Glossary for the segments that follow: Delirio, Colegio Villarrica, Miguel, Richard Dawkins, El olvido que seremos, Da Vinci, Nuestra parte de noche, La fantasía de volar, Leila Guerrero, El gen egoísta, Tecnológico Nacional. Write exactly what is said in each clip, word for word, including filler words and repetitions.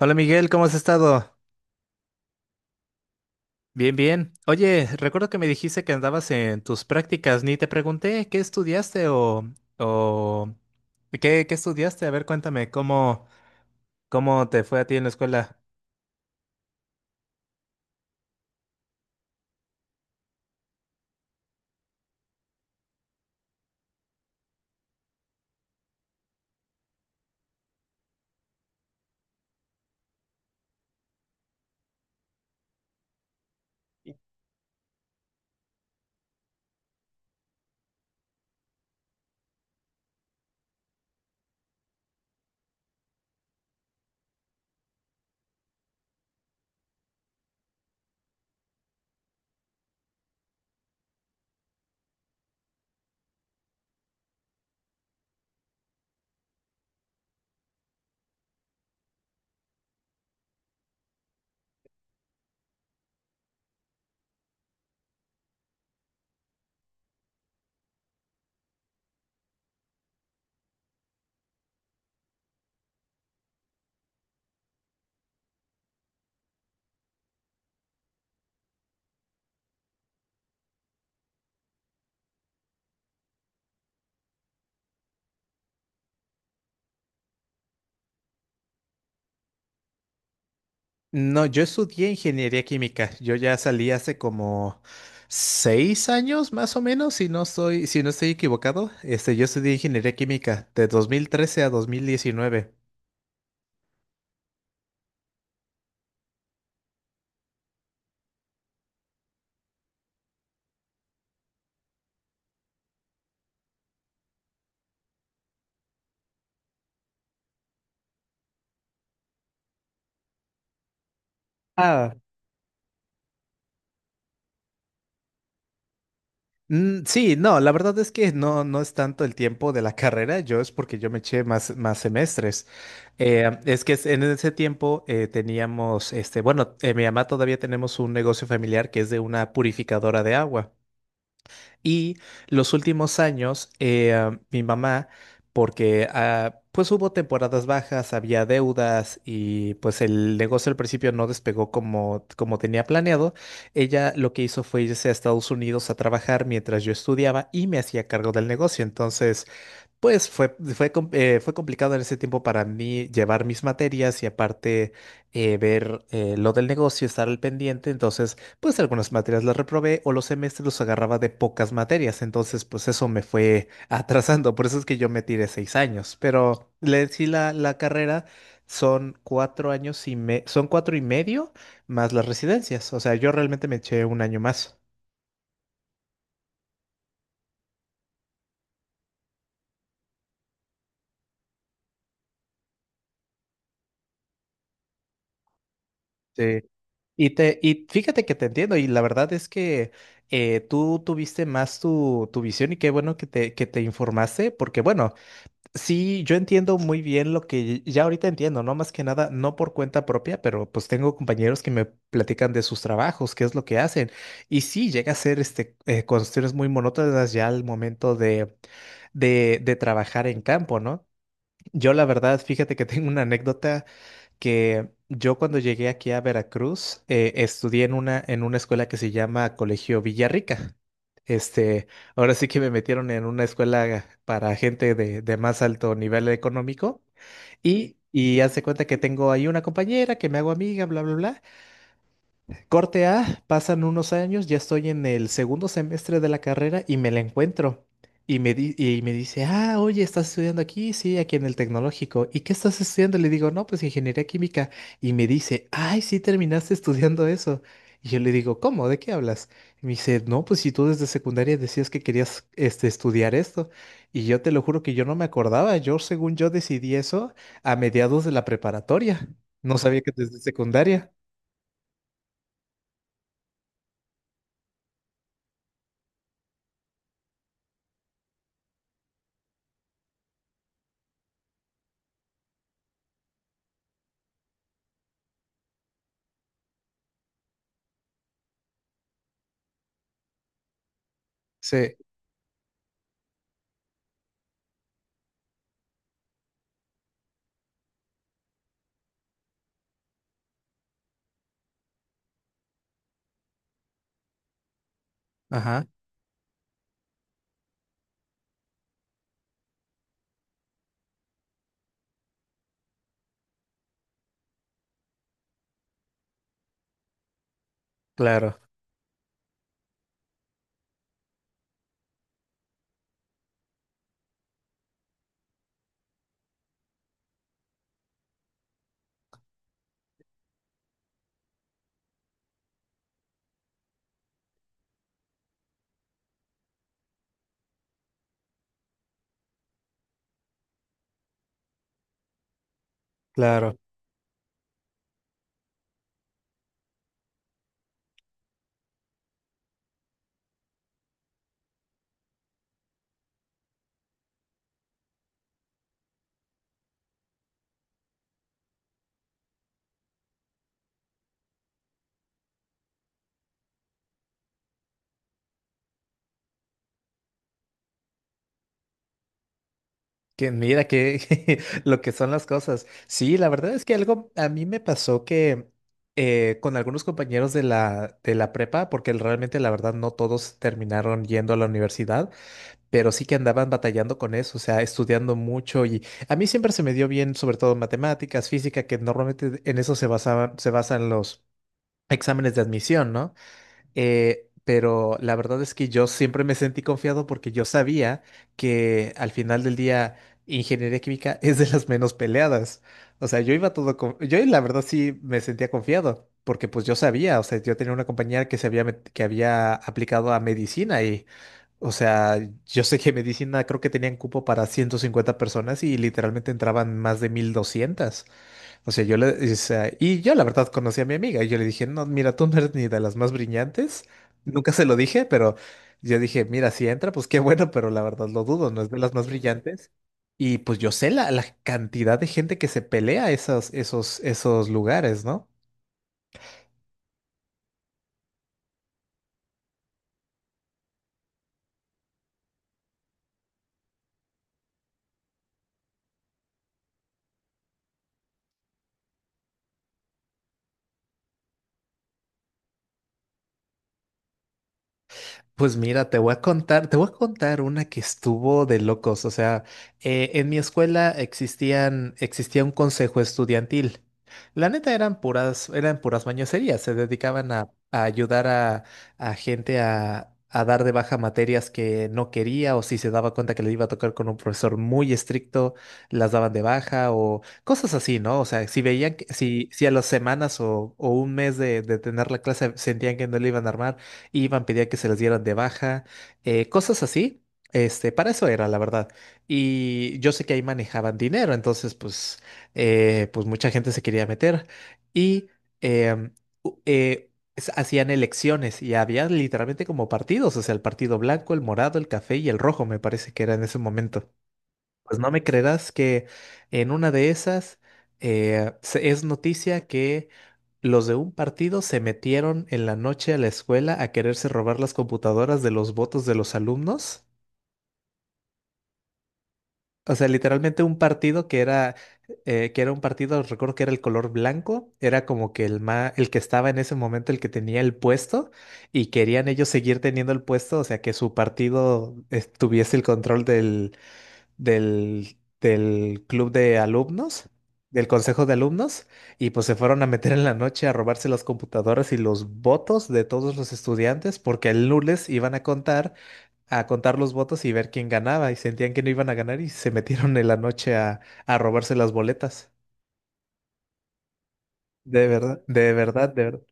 Hola Miguel, ¿cómo has estado? Bien, bien. Oye, recuerdo que me dijiste que andabas en tus prácticas, ni te pregunté qué estudiaste o, o qué, qué estudiaste. A ver, cuéntame, ¿cómo, cómo te fue a ti en la escuela? No, yo estudié ingeniería química. Yo ya salí hace como seis años, más o menos, si no estoy, si no estoy equivocado. Este, yo estudié ingeniería química de dos mil trece a dos mil diecinueve. Mm, sí, no, la verdad es que no, no es tanto el tiempo de la carrera, yo es porque yo me eché más, más semestres. Eh, es que es- en ese tiempo eh, teníamos, este, bueno, eh, mi mamá todavía tenemos un negocio familiar que es de una purificadora de agua. Y los últimos años, eh, ah, mi mamá, porque ah, pues hubo temporadas bajas, había deudas y pues el negocio al principio no despegó como, como tenía planeado, ella lo que hizo fue irse a Estados Unidos a trabajar mientras yo estudiaba y me hacía cargo del negocio. Entonces, pues fue, fue, com- eh, fue complicado en ese tiempo para mí llevar mis materias y aparte eh, ver eh, lo del negocio, estar al pendiente. Entonces, pues algunas materias las reprobé o los semestres los agarraba de pocas materias. Entonces, pues eso me fue atrasando. Por eso es que yo me tiré seis años. Pero le sí la, la carrera son cuatro años y me, son cuatro y medio más las residencias. O sea, yo realmente me eché un año más. Y, te, y fíjate que te entiendo, y la verdad es que eh, tú tuviste más tu, tu visión y qué bueno que te, que te informaste, porque bueno, sí, yo entiendo muy bien lo que ya ahorita entiendo, ¿no? Más que nada, no por cuenta propia, pero pues tengo compañeros que me platican de sus trabajos, qué es lo que hacen, y sí, llega a ser este, eh, cuestiones muy monótonas ya al momento de, de, de trabajar en campo, ¿no? Yo la verdad, fíjate que tengo una anécdota que yo cuando llegué aquí a Veracruz eh, estudié en una, en una escuela que se llama Colegio Villarrica. Este, Ahora sí que me metieron en una escuela para gente de, de más alto nivel económico y, y haz de cuenta que tengo ahí una compañera que me hago amiga, bla, bla, bla. Corte A, pasan unos años, ya estoy en el segundo semestre de la carrera y me la encuentro. Y me, di- y me dice, ah, oye, ¿estás estudiando aquí? Sí, aquí en el tecnológico. ¿Y qué estás estudiando? Le digo, no, pues ingeniería química. Y me dice, ay, sí, terminaste estudiando eso. Y yo le digo, ¿cómo? ¿De qué hablas? Y me dice, no, pues si tú desde secundaria decías que querías este, estudiar esto. Y yo te lo juro que yo no me acordaba. Yo, según yo, decidí eso a mediados de la preparatoria. No sabía que desde secundaria. Sí. Ajá. Claro, claro. Que mira que lo que son las cosas. Sí, la verdad es que algo a mí me pasó que eh, con algunos compañeros de la de la prepa, porque realmente la verdad no todos terminaron yendo a la universidad, pero sí que andaban batallando con eso, o sea, estudiando mucho y a mí siempre se me dio bien, sobre todo matemáticas, física, que normalmente en eso se basaban se basan los exámenes de admisión, ¿no? Eh, pero la verdad es que yo siempre me sentí confiado porque yo sabía que al final del día ingeniería química es de las menos peleadas. O sea, yo iba todo con Yo la verdad sí me sentía confiado porque pues yo sabía, o sea, yo tenía una compañera que se había, met- que había aplicado a medicina y, o sea, yo sé que medicina creo que tenían cupo para ciento cincuenta personas y literalmente entraban más de mil doscientas. O sea, yo le, o sea, y yo la verdad conocí a mi amiga y yo le dije, no, mira, tú no eres ni de las más brillantes. Nunca se lo dije, pero yo dije, mira, si entra, pues qué bueno, pero la verdad lo dudo, no es de las más brillantes. Y pues yo sé la, la cantidad de gente que se pelea esos, esos, esos lugares, ¿no? Pues mira, te voy a contar, te voy a contar una que estuvo de locos. O sea, eh, en mi escuela existían, existía un consejo estudiantil. La neta eran puras, eran puras mañoserías. Se dedicaban a, a ayudar a, a gente a, a dar de baja materias que no quería, o si se daba cuenta que le iba a tocar con un profesor muy estricto, las daban de baja, o cosas así, ¿no? O sea, si veían que, si, si a las semanas o, o un mes de, de tener la clase sentían que no le iban a armar iban, pedían que se les dieran de baja, eh, cosas así. Este, para eso era, la verdad. Y yo sé que ahí manejaban dinero, entonces, pues, eh, pues mucha gente se quería meter. Y em, u- eh, s- hacían elecciones y había literalmente como partidos, o sea, el partido blanco, el morado, el café y el rojo, me parece que era en ese momento. Pues no me creerás que en una de esas eh, se- es noticia que los de un partido se metieron en la noche a la escuela a quererse robar las computadoras de los votos de los alumnos. O sea, literalmente un partido que era, eh, que era un partido, recuerdo que era el color blanco, era como que el ma- el que estaba en ese momento, el que tenía el puesto, y querían ellos seguir teniendo el puesto, o sea, que su partido eh, tuviese el control del, del club de alumnos, del consejo de alumnos, y pues se fueron a meter en la noche a robarse las computadoras y los votos de todos los estudiantes, porque el lunes iban a contar, a contar, los votos y ver quién ganaba, y sentían que no iban a ganar y se metieron en la noche a, a robarse las boletas. De verdad, de verdad, de verdad.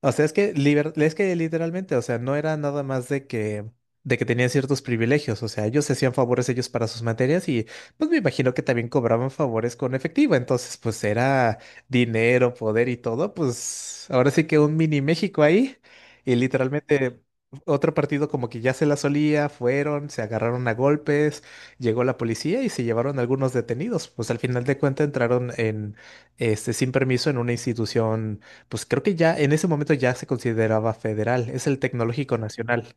O sea, es que, liber- es que literalmente, o sea, no era nada más de que, de que tenían ciertos privilegios, o sea, ellos se hacían favores ellos para sus materias y pues me imagino que también cobraban favores con efectivo, entonces pues era dinero, poder y todo, pues ahora sí que un mini México ahí y literalmente otro partido como que ya se la solía, fueron, se agarraron a golpes, llegó la policía y se llevaron algunos detenidos, pues al final de cuentas entraron en, este, sin permiso en una institución, pues creo que ya en ese momento ya se consideraba federal, es el Tecnológico Nacional.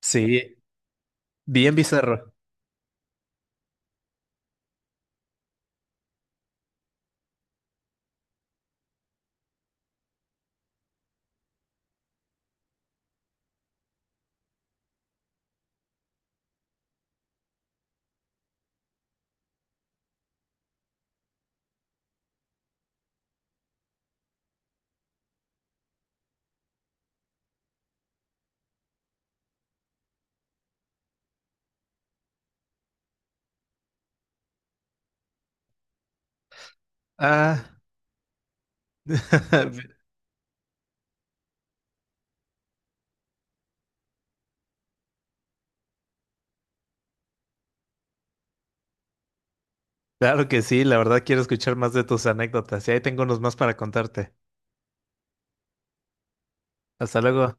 Sí, bien bizarro. Ah, claro que sí, la verdad quiero escuchar más de tus anécdotas y ahí tengo unos más para contarte. Hasta luego.